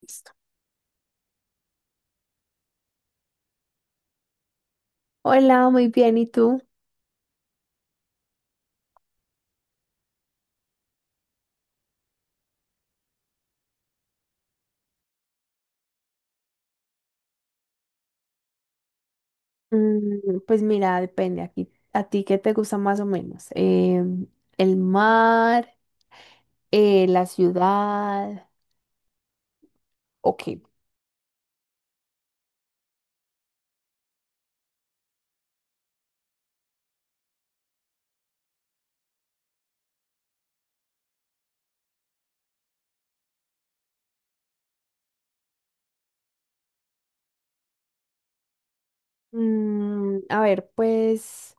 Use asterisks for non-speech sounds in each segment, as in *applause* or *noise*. Listo. Hola, muy bien, ¿y tú? Pues mira, depende aquí. ¿A ti qué te gusta más o menos? ¿El mar? ¿La ciudad? Ok. A ver, pues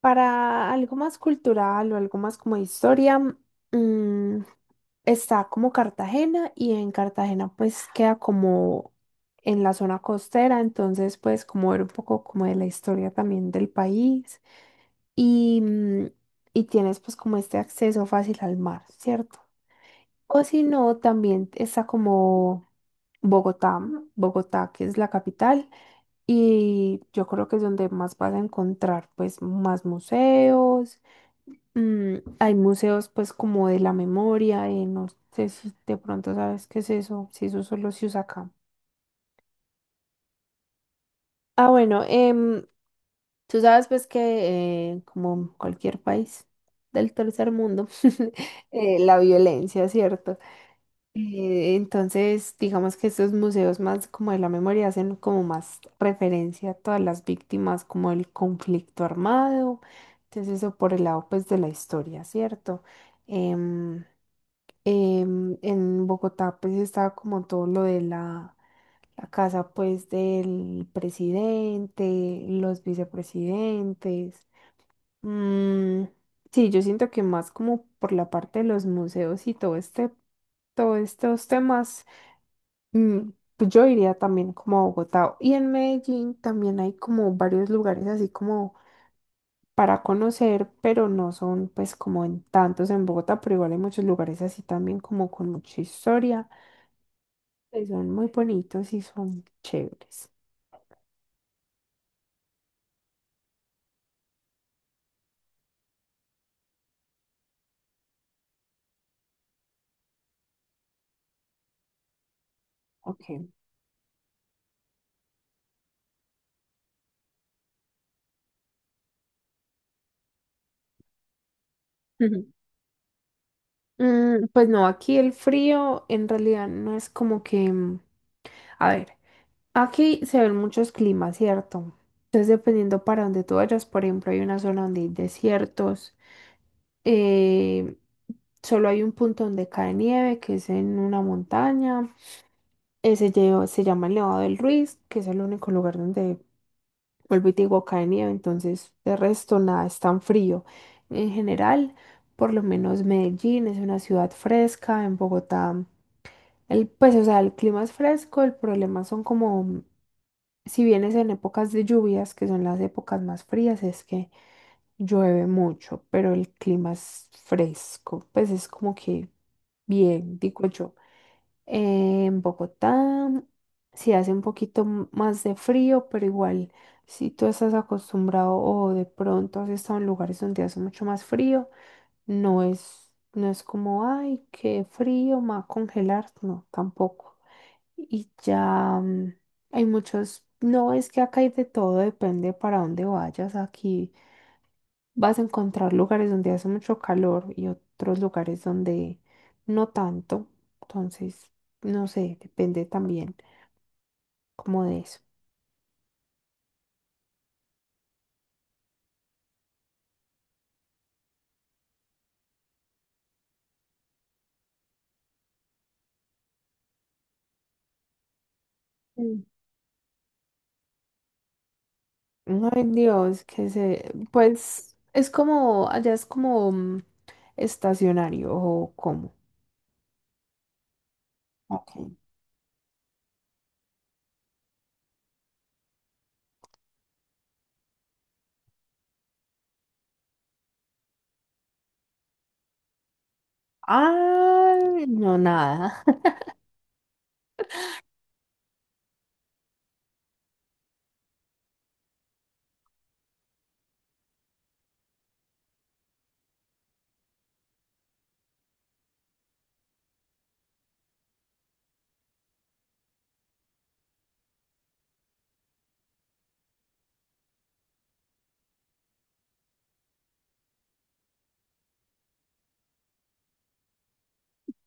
para algo más cultural o algo más como de historia, mm, está como Cartagena, y en Cartagena pues queda como en la zona costera, entonces pues como ver un poco como de la historia también del país. Y y tienes pues como este acceso fácil al mar, ¿cierto? O si no, también está como Bogotá, Bogotá que es la capital, y yo creo que es donde más vas a encontrar pues más museos. mm, Hay museos pues como de la memoria. No sé si de pronto sabes qué es eso, si eso solo se usa acá. Ah, bueno. Tú sabes pues que como cualquier país del tercer mundo, *laughs* la violencia, ¿cierto? Entonces, digamos que estos museos más como de la memoria hacen como más referencia a todas las víctimas, como el conflicto armado. Entonces, eso por el lado pues de la historia, ¿cierto? Em, en Bogotá pues estaba como todo lo de la la casa pues del presidente, los vicepresidentes. Mm, sí, yo siento que más como por la parte de los museos y todo este, todos estos temas. mm, pues yo iría también como a Bogotá. Y en Medellín también hay como varios lugares así como para conocer, pero no son pues como en tantos en Bogotá, pero igual hay muchos lugares así también como con mucha historia, que son muy bonitos y son chéveres. Ok. Ujú. Pues no, aquí el frío en realidad no es como que, a ver. Aquí se ven muchos climas, ¿cierto? Entonces, dependiendo para donde tú vayas, por ejemplo, hay una zona donde hay desiertos. eh, Solo hay un punto donde cae nieve, que es en una montaña, se llama el Nevado del Ruiz, que es el único lugar donde, vuelvo y te digo, cae nieve, entonces, de resto, nada, es tan frío. En general, por lo menos Medellín es una ciudad fresca. En Bogotá, pues, o sea, el clima es fresco, el problema son como si vienes en épocas de lluvias, que son las épocas más frías, es que llueve mucho, pero el clima es fresco, pues es como que bien, digo yo. En Bogotá sí hace un poquito más de frío, pero igual si tú estás acostumbrado o de pronto has estado en lugares donde hace mucho más frío, no es como, ay, qué frío, me va a congelar, no, tampoco. Y ya hay muchos, no es que acá hay de todo, depende para dónde vayas. Aquí vas a encontrar lugares donde hace mucho calor y otros lugares donde no tanto. Entonces, no sé, depende también como de eso. Mm. Ay, Dios, que se, pues es como, allá es como estacionario o como. Ok. Ah, no, nada.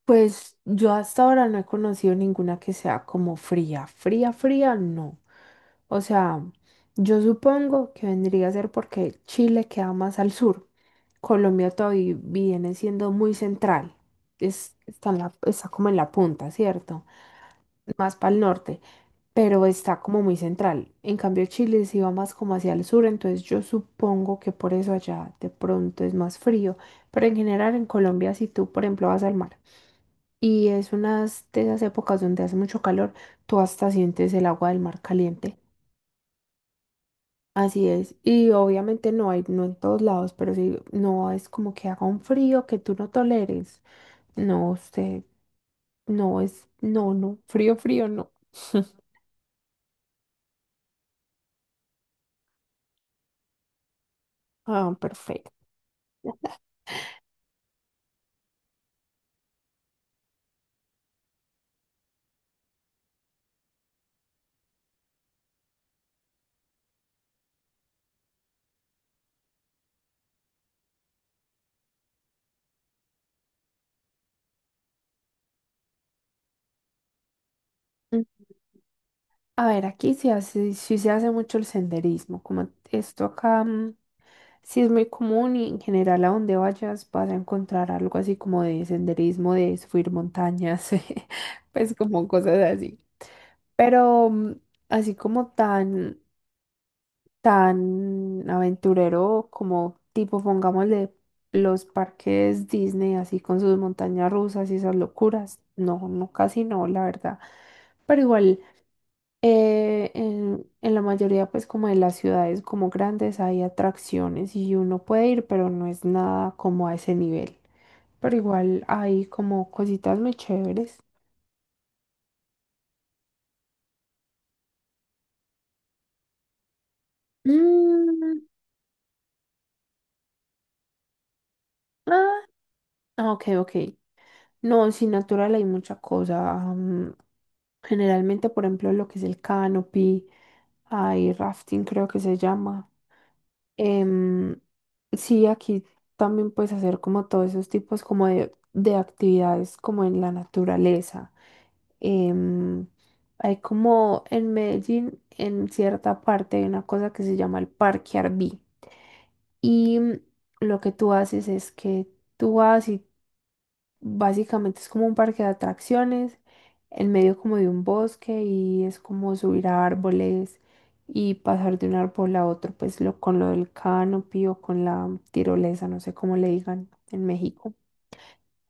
Pues yo hasta ahora no he conocido ninguna que sea como fría, fría, fría, no. O sea, yo supongo que vendría a ser porque Chile queda más al sur. Colombia todavía viene siendo muy central. Está, está como en la punta, ¿cierto? Más para el norte, pero está como muy central. En cambio, Chile sí va más como hacia el sur, entonces yo supongo que por eso allá de pronto es más frío. Pero en general en Colombia, si tú, por ejemplo, vas al mar, y es unas de esas épocas donde hace mucho calor, tú hasta sientes el agua del mar caliente. Así es. Y obviamente no hay, no en todos lados, pero sí, no es como que haga un frío que tú no toleres. No, usted, no, no, frío, frío, no. *laughs* Ah, perfecto. A ver, aquí se hace, sí se hace mucho el senderismo, como esto acá. Sí es muy común, y en general a donde vayas vas a encontrar algo así como de senderismo, de subir montañas, *laughs* pues como cosas así. Pero así como tan, tan aventurero, como tipo, pongámosle, los parques Disney, así con sus montañas rusas y esas locuras. No, no, casi no, la verdad. Pero igual. En la mayoría, pues como de las ciudades como grandes hay atracciones y uno puede ir, pero no es nada como a ese nivel. Pero igual hay como cositas muy chéveres. Mm, ah, ah, ok, ok. No, sin natural hay mucha cosa. Generalmente, por ejemplo, lo que es el canopy, hay rafting creo que se llama. Em, sí, aquí también puedes hacer como todos esos tipos como de actividades como en la naturaleza. Em, Hay como en Medellín, en cierta parte, hay una cosa que se llama el Parque Arví. Y lo que tú haces es que tú vas. Básicamente es como un parque de atracciones, en medio como de un bosque, y es como subir a árboles y pasar de un árbol a otro, pues con lo del canopy o con la tirolesa, no sé cómo le digan en México.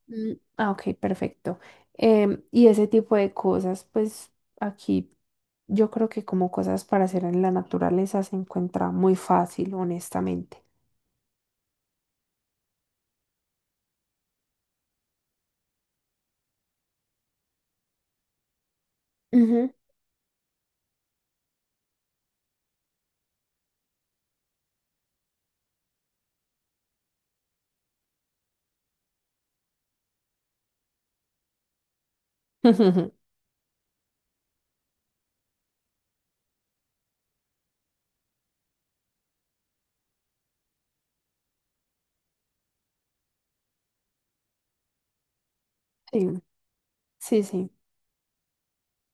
Mm, ah, ok, perfecto. Y ese tipo de cosas, pues aquí yo creo que como cosas para hacer en la naturaleza se encuentra muy fácil, honestamente. Ujú. *laughs* Sí, sí, sí.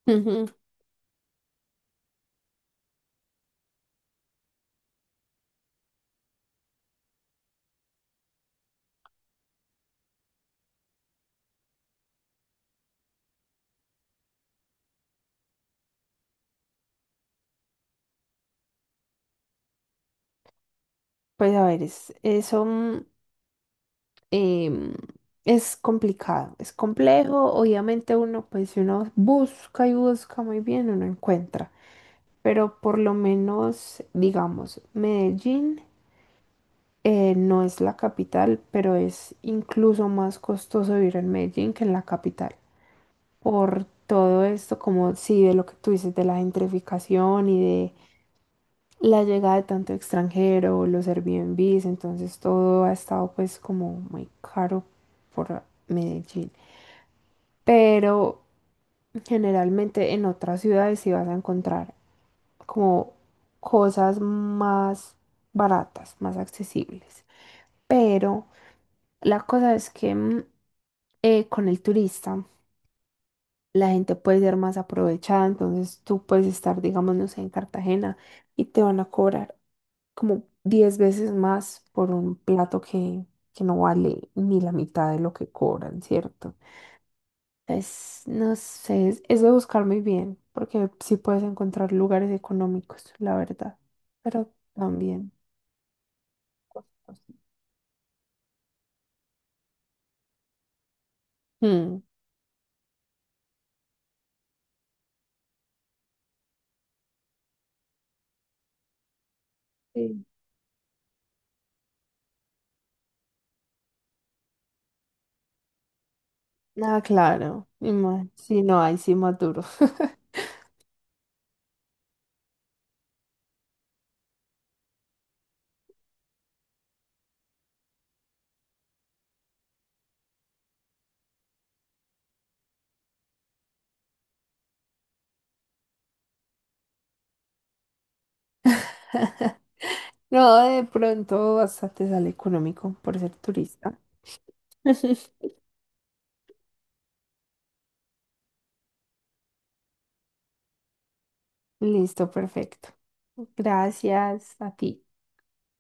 Ujú. Pues a ver, eso. em, es complicado, es complejo. Obviamente uno, pues si uno busca y busca muy bien, uno encuentra. Pero por lo menos, digamos, Medellín no es la capital, pero es incluso más costoso vivir en Medellín que en la capital. Por todo esto, como sí, de lo que tú dices, de la gentrificación y de la llegada de tanto extranjero, los Airbnbs, entonces todo ha estado pues como muy caro por Medellín. Pero generalmente en otras ciudades sí vas a encontrar como cosas más baratas, más accesibles. Pero la cosa es que con el turista la gente puede ser más aprovechada, entonces tú puedes estar, digamos, no sé, en Cartagena, y te van a cobrar como 10 veces más por un plato que no vale ni la mitad de lo que cobran, ¿cierto? No sé, es de buscar muy bien, porque sí puedes encontrar lugares económicos, la verdad, pero también costosos. Mm, sí. Ah, claro, y más, si no hay, sí más duro. *laughs* No, de pronto hasta te sale económico por ser turista. *laughs* Listo, perfecto. Gracias a ti.